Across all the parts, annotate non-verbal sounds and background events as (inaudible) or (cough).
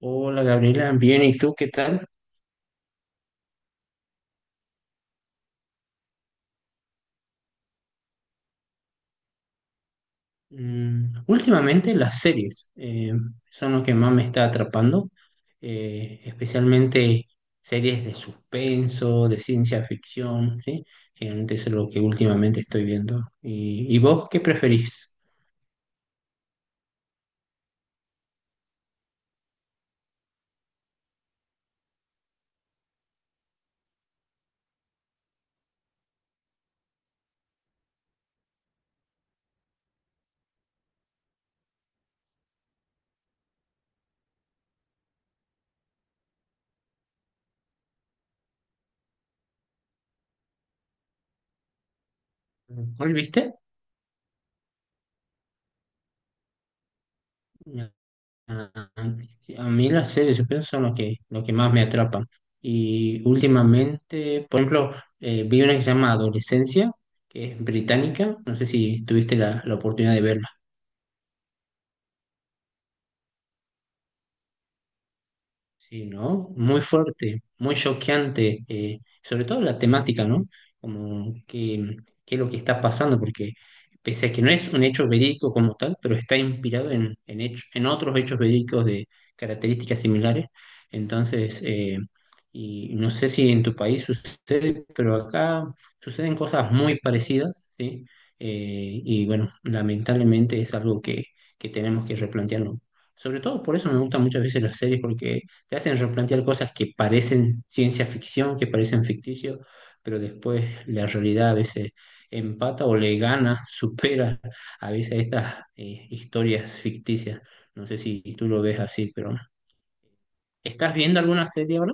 Hola Gabriela, bien, ¿y tú qué tal? Últimamente las series son lo que más me está atrapando, especialmente series de suspenso, de ciencia ficción, ¿sí? Generalmente eso es. Ah, a mí las series de suspenso son lo que más me atrapan. Y últimamente, por ejemplo, vi una que se llama Adolescencia, que es británica. No sé si tuviste la oportunidad de verla. Sí, ¿no? Muy fuerte, muy choqueante, sobre todo la temática, ¿no? Como que, ¿qué es lo que está pasando? Porque pese a que no es un hecho verídico como tal, pero está inspirado en otros hechos verídicos de características similares. Entonces, y no sé si en tu país sucede, pero acá suceden cosas muy parecidas, ¿sí? Y bueno, lamentablemente es algo que, tenemos que replantearnos. Sobre todo por eso me gustan muchas veces las series, porque te hacen replantear cosas que parecen ciencia ficción, que parecen ficticio, pero después la realidad a veces empata o le gana, (laughs) supera a veces estas historias ficticias. No sé si tú lo ves así, pero ¿estás viendo alguna serie ahora?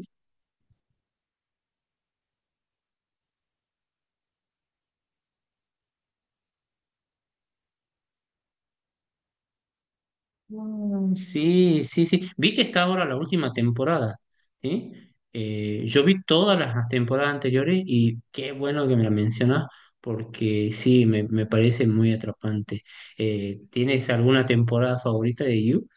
Mm, sí, sí, sí. Vi que está ahora la última temporada, ¿sí? Yo vi todas las temporadas anteriores y qué bueno que me la mencionas, porque sí, me, parece muy atrapante. ¿Tienes alguna temporada favorita de You?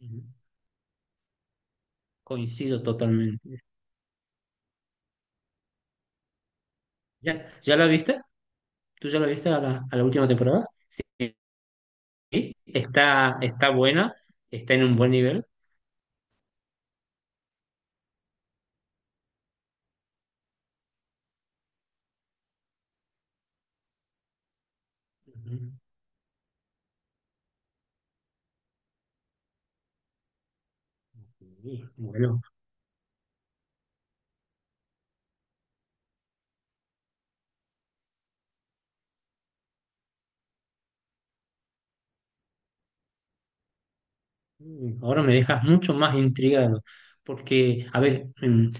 Ujú. Coincido totalmente. ya, la viste? ¿Tú ya la viste a la, última temporada? Sí. está buena, está en un buen nivel. Ujú. Sí, bueno. Ahora me dejas mucho más intrigado, porque, a ver, en,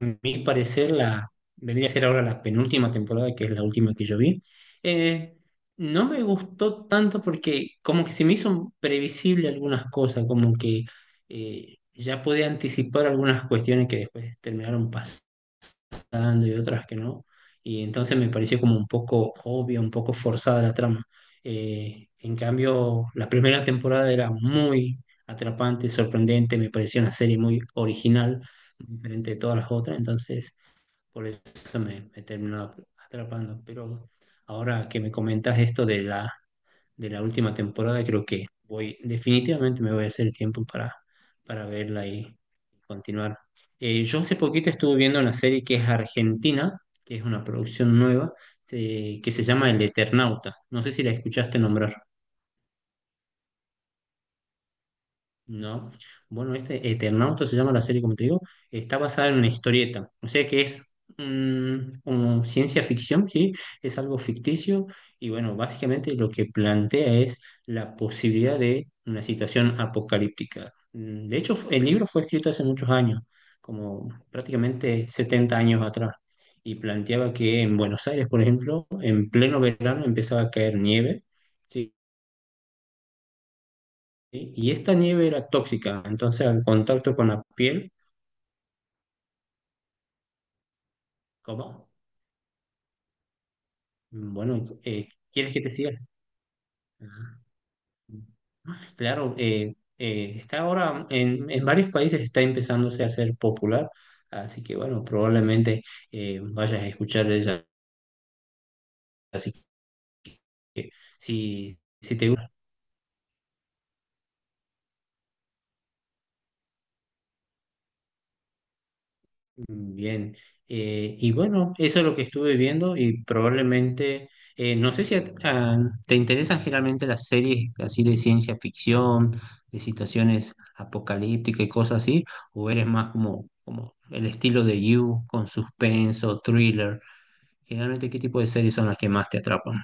en mi parecer, vendría a ser ahora la penúltima temporada, que es la última que yo vi. eh, no me gustó tanto porque como que se me hizo previsible algunas cosas, como que ya podía anticipar algunas cuestiones que después terminaron dando y otras que no. Y entonces me pareció como un poco obvio, un poco forzada la trama. En cambio, la primera temporada era muy atrapante, sorprendente, me pareció una serie muy original, diferente de todas las otras, entonces por eso me, terminó atrapando. Pero ahora que me comentas esto de la última temporada, creo que definitivamente me voy a hacer el tiempo para verla y continuar. Yo hace poquito estuve viendo una serie que es argentina, que es una producción nueva, que se llama El Eternauta. No sé si la escuchaste nombrar. No. Bueno, este Eternauta se llama la serie, como te digo, está basada en una historieta. O sea que es, como ciencia ficción, ¿sí? Es algo ficticio y bueno, básicamente lo que plantea es la posibilidad de una situación apocalíptica. De hecho, el libro fue escrito hace muchos años, como prácticamente 70 años atrás, y planteaba que en Buenos Aires, por ejemplo, en pleno verano empezaba a caer nieve. ¿Sí? ¿Sí? Y esta nieve era tóxica, entonces al contacto con la piel, ¿cómo? Bueno, ¿quieres que te siga? Ah. Claro, está ahora en, varios países está empezándose a hacer popular, así que bueno, probablemente vayas a escuchar de ella. Así que si te gusta. Bien, y bueno, eso es lo que estuve viendo y probablemente, no sé si te interesan generalmente las series así de ciencia ficción, de situaciones apocalípticas y cosas así, o eres más como el estilo de You con suspenso, thriller. Generalmente, ¿qué tipo de series son las que más te atrapan?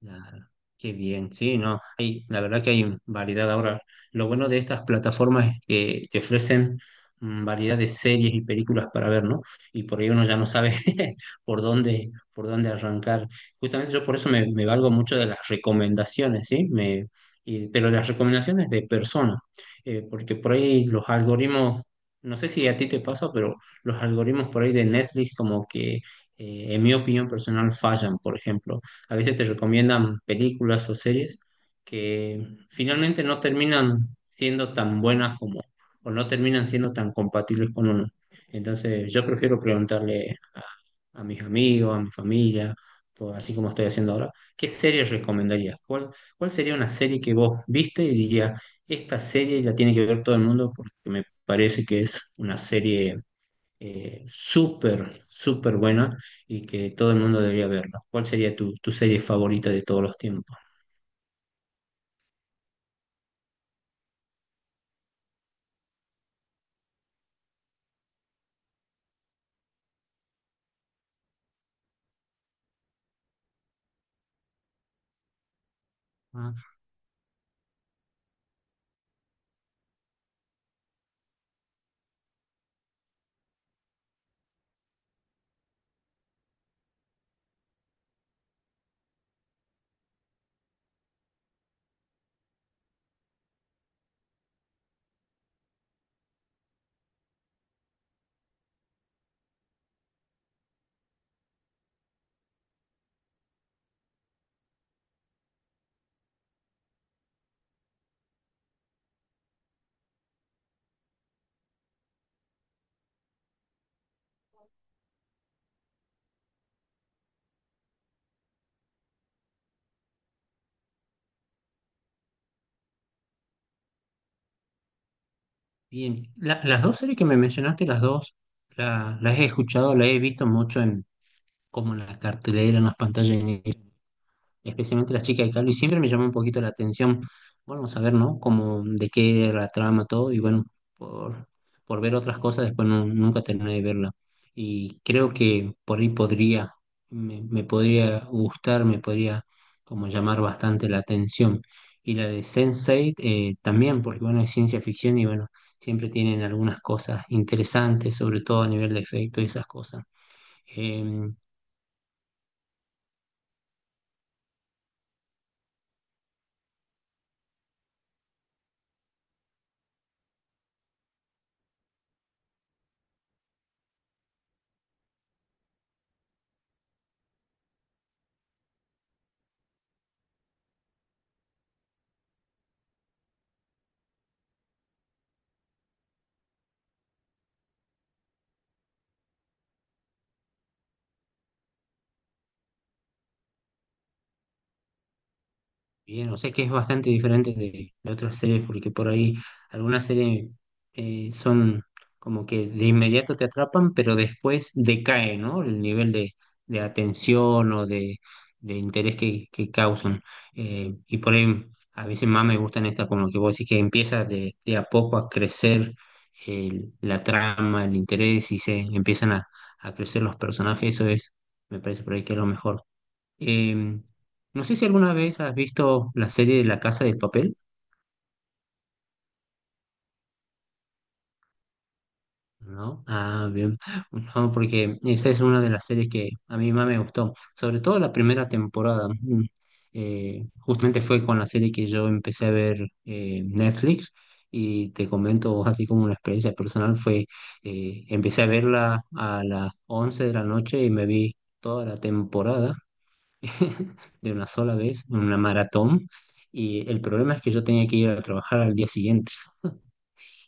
Claro, qué bien, sí, no, la verdad que hay variedad ahora. Lo bueno de estas plataformas es que te ofrecen, variedad de series y películas para ver, ¿no? Y por ahí uno ya no sabe (laughs) por dónde, arrancar. Justamente yo por eso me valgo mucho de las recomendaciones, ¿sí? Pero las recomendaciones de personas, porque por ahí los algoritmos, no sé si a ti te pasa, pero los algoritmos por ahí de Netflix como que, en mi opinión personal, fallan, por ejemplo a veces te recomiendan películas o series que finalmente no terminan siendo tan buenas como, o no terminan siendo tan compatibles con uno. Entonces, yo prefiero preguntarle a, mis amigos, a mi familia, así como estoy haciendo ahora. ¿Qué serie recomendarías? cuál sería una serie que vos viste y dirías: esta serie la tiene que ver todo el mundo porque me parece que es una serie súper, súper buena y que todo el mundo debería verla? ¿Cuál sería tu, serie favorita de todos los tiempos? Ah, bien. Las dos series que me mencionaste, las dos, las he escuchado, las he visto mucho como en la cartelera, en las pantallas. Especialmente Las Chicas de Calvo, y siempre me llamó un poquito la atención, bueno, saber, ¿no? Como de qué era la trama, todo, y bueno, por, por, ver otras cosas, después nunca terminé de verla. Y creo que por ahí me podría gustar, me podría como llamar bastante la atención. Y la de Sense8 también, porque bueno, es ciencia ficción y bueno, siempre tienen algunas cosas interesantes, sobre todo a nivel de efecto y esas cosas. Em, Bien, o sea que es bastante diferente de, otras series, porque por ahí algunas series son como que de inmediato te atrapan, pero después decae, ¿no? El nivel de, atención o de, interés que causan. Y por ahí a veces más me gustan estas, como que vos decís que empieza de, a poco a crecer la trama, el interés y se empiezan a crecer los personajes, eso es, me parece por ahí que es lo mejor. Em, no sé si alguna vez has visto la serie de La Casa de Papel, ¿no? Ah, bien. (laughs) No, porque esa es una de las series que a mí más me gustó, sobre todo la primera temporada. Mm. Justamente fue con la serie que yo empecé a ver, Netflix, y te comento así como una experiencia personal, empecé a verla a las 11 de la noche y me vi toda la temporada (laughs) de una sola vez, en una maratón, y el problema es que yo tenía que ir a trabajar al día siguiente.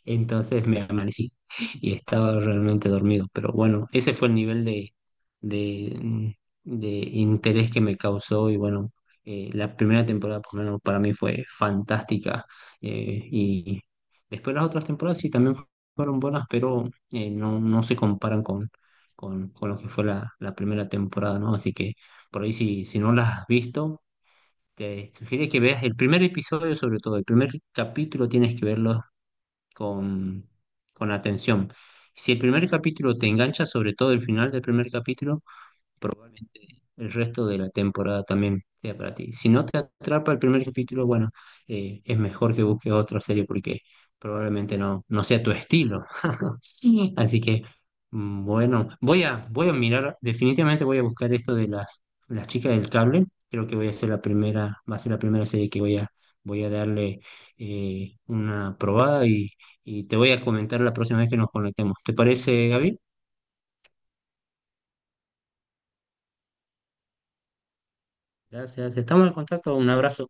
Entonces me amanecí (laughs) y estaba realmente dormido. Pero bueno, ese fue el nivel de, mm, de interés que me causó y bueno, la primera temporada por lo menos para mí fue fantástica. Y después las otras temporadas sí también fueron buenas, pero no, se comparan con lo que fue la primera temporada, ¿no? Así que por ahí si no las has visto, te sugiero que veas el primer episodio. Sobre todo, el primer capítulo tienes que verlo con, con atención. Si el primer capítulo te engancha, sobre todo el final del primer capítulo, probablemente el resto de la temporada también sea para ti. Si no te atrapa el primer capítulo, bueno, es mejor que busques otra serie porque probablemente no, sea tu estilo. (laughs) Sí. Así que, bueno, voy a, mirar, definitivamente voy a buscar esto de las chicas del cable. Creo que voy a ser la primera, va a ser la primera serie que voy a, darle una probada y te voy a comentar la próxima vez que nos conectemos. ¿Te parece, Gaby? Gracias, estamos en contacto, un abrazo.